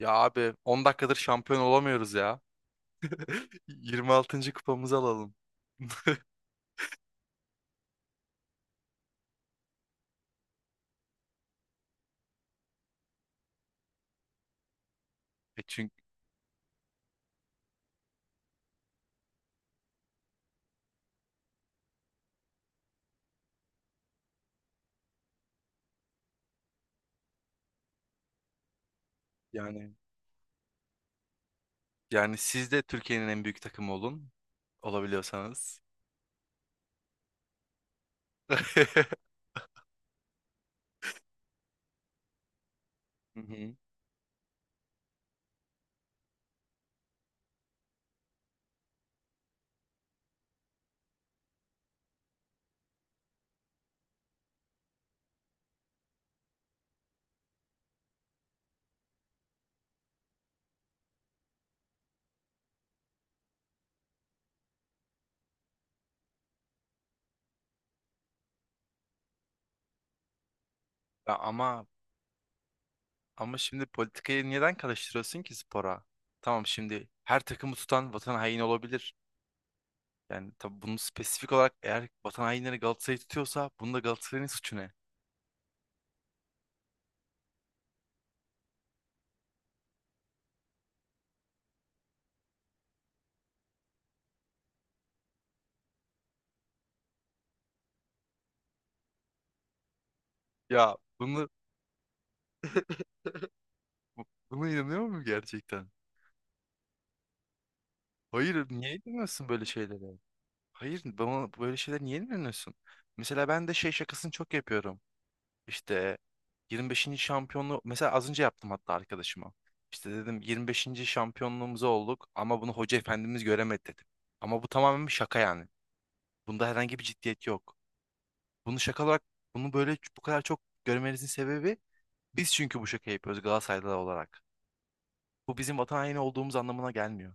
Ya abi 10 dakikadır şampiyon olamıyoruz ya. 26. kupamızı alalım. E çünkü yani yani siz de Türkiye'nin en büyük takımı olabiliyorsanız. Hı hı. Ya ama şimdi politikayı neden karıştırıyorsun ki spora? Tamam, şimdi her takımı tutan vatan haini olabilir. Yani tabii bunu spesifik olarak, eğer vatan hainleri Galatasaray'ı tutuyorsa, bunda Galatasaray'ın suçu ne? Ya bunu Buna inanıyor musun gerçekten? Hayır, niye inanıyorsun böyle şeylere? Hayır, bana böyle şeyler niye inanıyorsun? Mesela ben de şey şakasını çok yapıyorum. İşte 25. şampiyonluğu mesela az önce yaptım hatta arkadaşıma. İşte dedim 25. şampiyonluğumuzu olduk ama bunu hoca efendimiz göremedi dedim. Ama bu tamamen bir şaka yani. Bunda herhangi bir ciddiyet yok. Bunu şaka olarak bunu böyle bu kadar çok görmenizin sebebi, biz çünkü bu şakayı yapıyoruz Galatasaraylılar olarak. Bu, bizim vatan haini olduğumuz anlamına gelmiyor.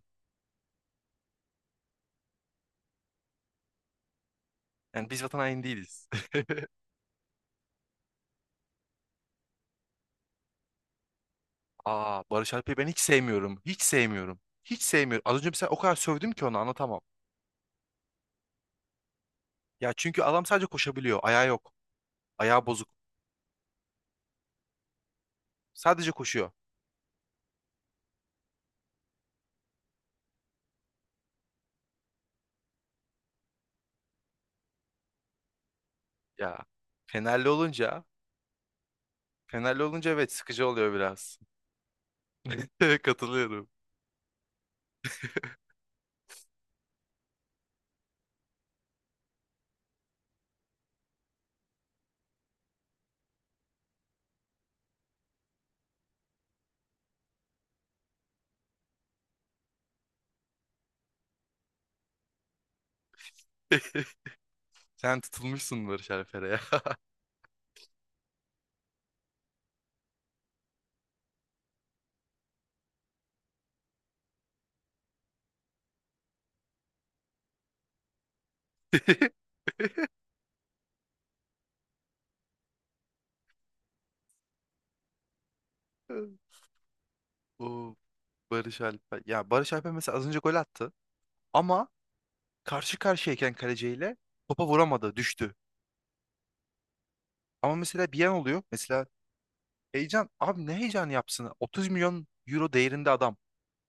Yani biz vatan haini değiliz. Aa, Barış Alper'i ben hiç sevmiyorum. Hiç sevmiyorum. Hiç sevmiyorum. Az önce mesela o kadar sövdüm ki onu anlatamam. Ya çünkü adam sadece koşabiliyor. Ayağı yok. Ayağı bozuk. Sadece koşuyor. Ya Fenerli olunca Fenerli olunca evet, sıkıcı oluyor biraz. Evet, katılıyorum. Sen tutulmuşsun Barış Alper'e ya. O Barış Alper. Ya Barış Alper mesela az önce gol attı. Ama karşı karşıyayken kaleciyle topa vuramadı. Düştü. Ama mesela bir yan oluyor. Mesela heyecan abi, ne heyecan yapsın? 30 milyon euro değerinde adam.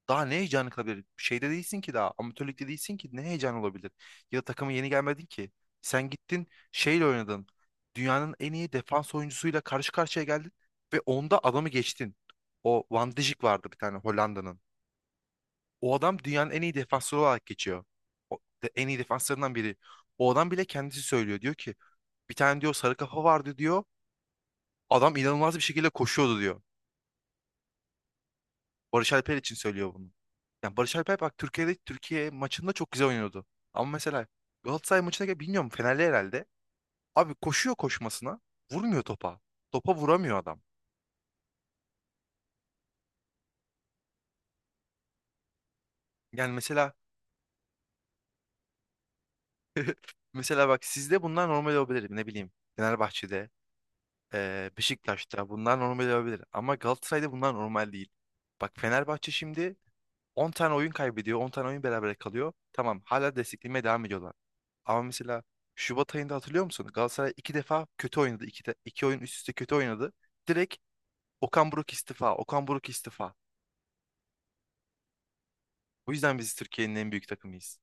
Daha ne heyecanı kalabilir? Şeyde değilsin ki daha. Amatörlükte değilsin ki. Ne heyecan olabilir? Ya da takıma yeni gelmedin ki. Sen gittin şeyle oynadın. Dünyanın en iyi defans oyuncusuyla karşı karşıya geldin. Ve onda adamı geçtin. O Van Dijk vardı bir tane, Hollanda'nın. O adam dünyanın en iyi defansları olarak geçiyor. O, en iyi defanslarından biri. O adam bile kendisi söylüyor. Diyor ki bir tane diyor sarı kafa vardı diyor. Adam inanılmaz bir şekilde koşuyordu diyor. Barış Alper için söylüyor bunu. Yani Barış Alper bak, Türkiye'de, Türkiye maçında çok güzel oynuyordu. Ama mesela Galatasaray maçına gel, bilmiyorum, Fenerli herhalde. Abi koşuyor koşmasına, vurmuyor topa. Topa vuramıyor adam. Yani mesela bak, sizde bunlar normal olabilir, ne bileyim. Fenerbahçe'de, Beşiktaş'ta bunlar normal olabilir. Ama Galatasaray'da bunlar normal değil. Bak, Fenerbahçe şimdi 10 tane oyun kaybediyor, 10 tane oyun berabere kalıyor. Tamam, hala desteklemeye devam ediyorlar. Ama mesela Şubat ayında hatırlıyor musun? Galatasaray iki defa kötü oynadı. İki oyun üst üste kötü oynadı. Direkt Okan Buruk istifa. Okan Buruk istifa. Bu yüzden biz Türkiye'nin en büyük takımıyız.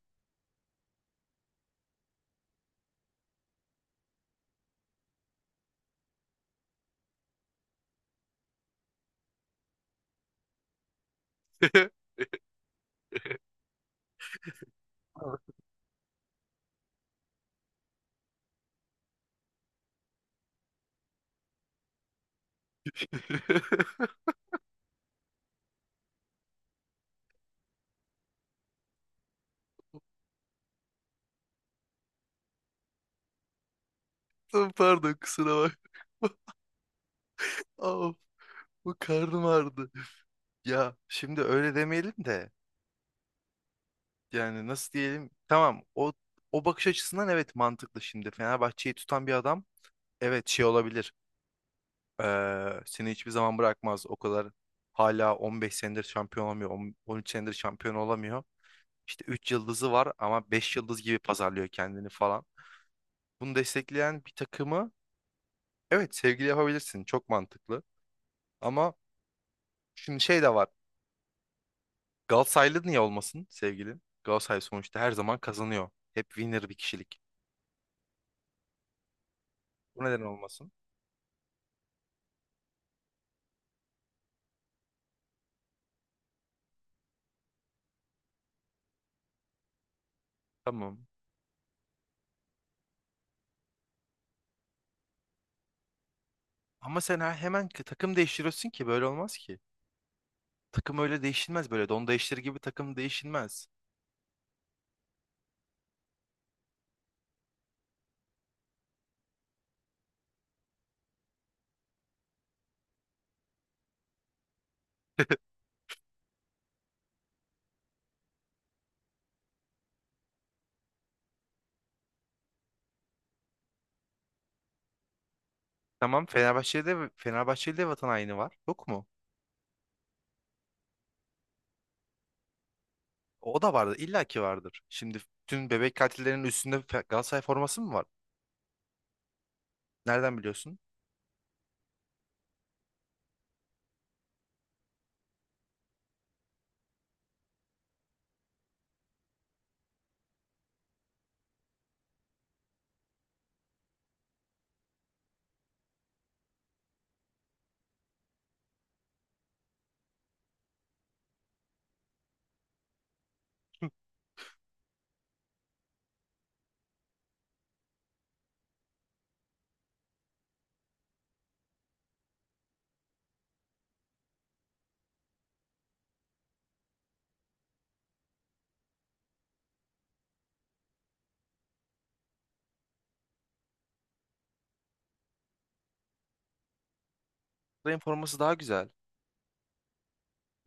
Ay, pardon, kusura bak. Of, bu karnım ağrıdı. Ya şimdi öyle demeyelim de, yani nasıl diyelim? Tamam, o bakış açısından evet, mantıklı şimdi. Fenerbahçe'yi tutan bir adam evet, şey olabilir. Seni hiçbir zaman bırakmaz. O kadar, hala 15 senedir şampiyon olamıyor. 13 senedir şampiyon olamıyor. İşte 3 yıldızı var ama 5 yıldız gibi pazarlıyor kendini falan. Bunu destekleyen bir takımı evet, sevgili yapabilirsin. Çok mantıklı. Ama şimdi şey de var. Galatasaraylı niye olmasın sevgilin? Galatasaray sonuçta her zaman kazanıyor. Hep winner bir kişilik. Bu neden olmasın? Tamam. Ama sen hemen takım değiştiriyorsun ki, böyle olmaz ki. Takım öyle değişilmez böyle. Don değiştir gibi takım değişilmez. Tamam, Fenerbahçe'de, Fenerbahçeli de vatan haini var. Yok mu? O da vardır. İlla ki vardır. Şimdi tüm bebek katillerinin üstünde Galatasaray forması mı var? Nereden biliyorsun? Galatasaray'ın forması daha güzel.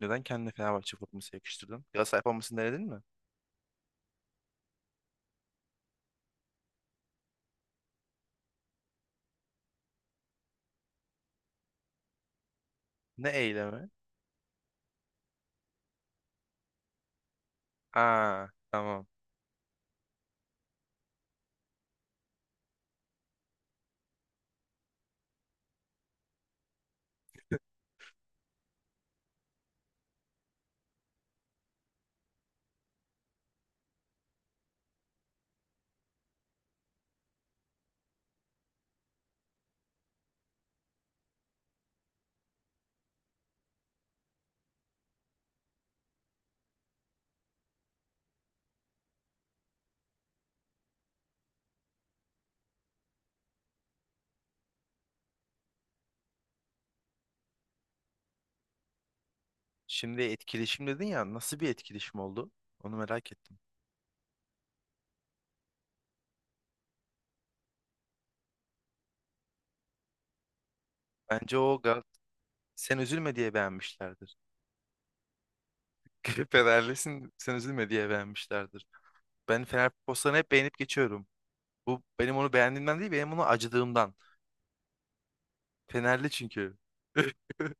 Neden kendine Fenerbahçe forması yakıştırdın? Galatasaray formasını denedin mi? Ne eylemi? Aa, tamam. Şimdi etkileşim dedin ya. Nasıl bir etkileşim oldu? Onu merak ettim. Bence o Gal sen üzülme diye beğenmişlerdir. Fenerlisin, sen üzülme diye beğenmişlerdir. Ben Fener postlarını hep beğenip geçiyorum. Bu, benim onu beğendiğimden değil, benim onu acıdığımdan. Fenerli çünkü.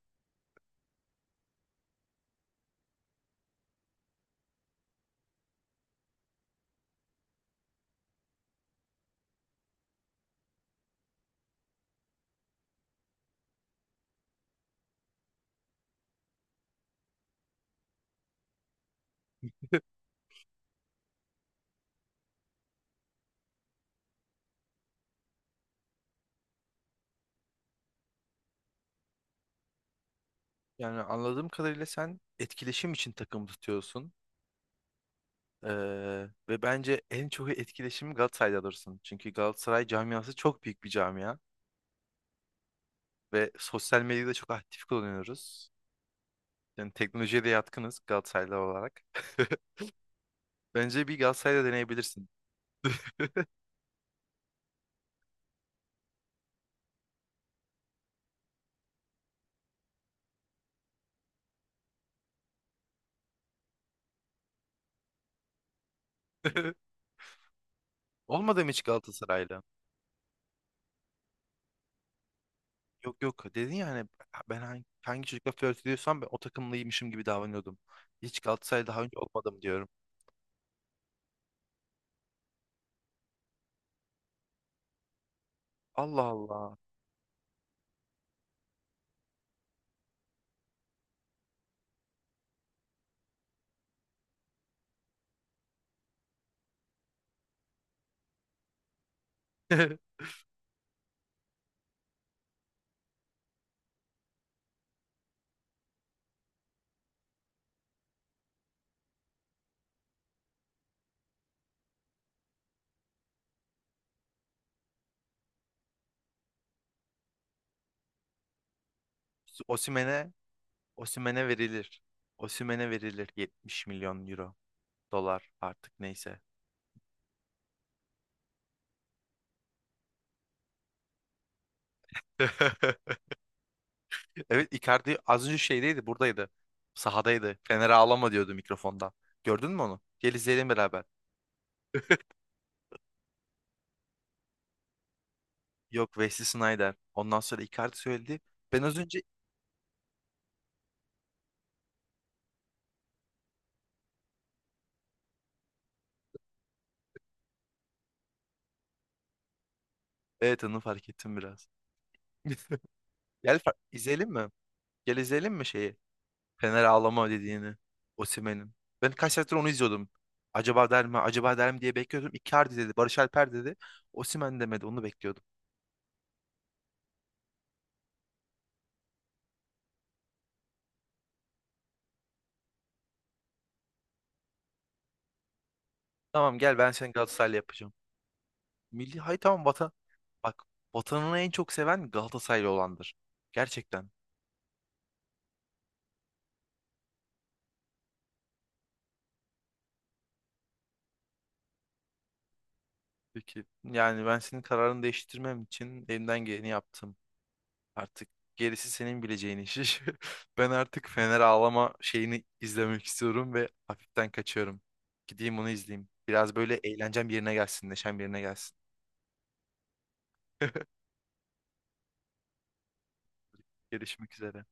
Yani anladığım kadarıyla sen etkileşim için takım tutuyorsun. Ve bence en çok etkileşimi Galatasaray'da alırsın. Çünkü Galatasaray camiası çok büyük bir camia. Ve sosyal medyada çok aktif kullanıyoruz. Yani teknolojiye de yatkınız Galatasaraylı olarak. Bence bir Galatasaray'da deneyebilirsin. Olmadım hiç Galatasaray'la. Yok yok, dedin ya hani ben hangi çocukla flört ediyorsam ben o takımlıymışım gibi davranıyordum. Hiç Galatasaray daha önce olmadım diyorum. Allah Allah. Osimhen'e Osimhen'e verilir. Osimhen'e verilir 70 milyon euro, dolar artık neyse. Evet, Icardi az önce şeydeydi, buradaydı. Sahadaydı. Fener'e ağlama diyordu mikrofonda. Gördün mü onu? Gel izleyelim beraber. Yok, Wesley Sneijder. Ondan sonra Icardi söyledi. Ben az önce, evet, onu fark ettim biraz. Gel izleyelim mi? Gel izleyelim mi şeyi? Fener ağlama dediğini. Osimhen'in. Ben kaç saattir onu izliyordum. Acaba der mi? Acaba der mi diye bekliyordum. Icardi dedi. Barış Alper dedi. Osimhen demedi. Onu bekliyordum. Tamam, gel ben seni Galatasaraylı yapacağım. Milli, hay tamam, vatan. Bak, vatanını en çok seven Galatasaraylı olandır. Gerçekten. Peki, yani ben senin kararını değiştirmem için elimden geleni yaptım. Artık gerisi senin bileceğin iş. Ben artık Fener ağlama şeyini izlemek istiyorum ve hafiften kaçıyorum. Gideyim onu izleyeyim. Biraz böyle eğlencem yerine gelsin, neşem yerine gelsin. Görüşmek üzere.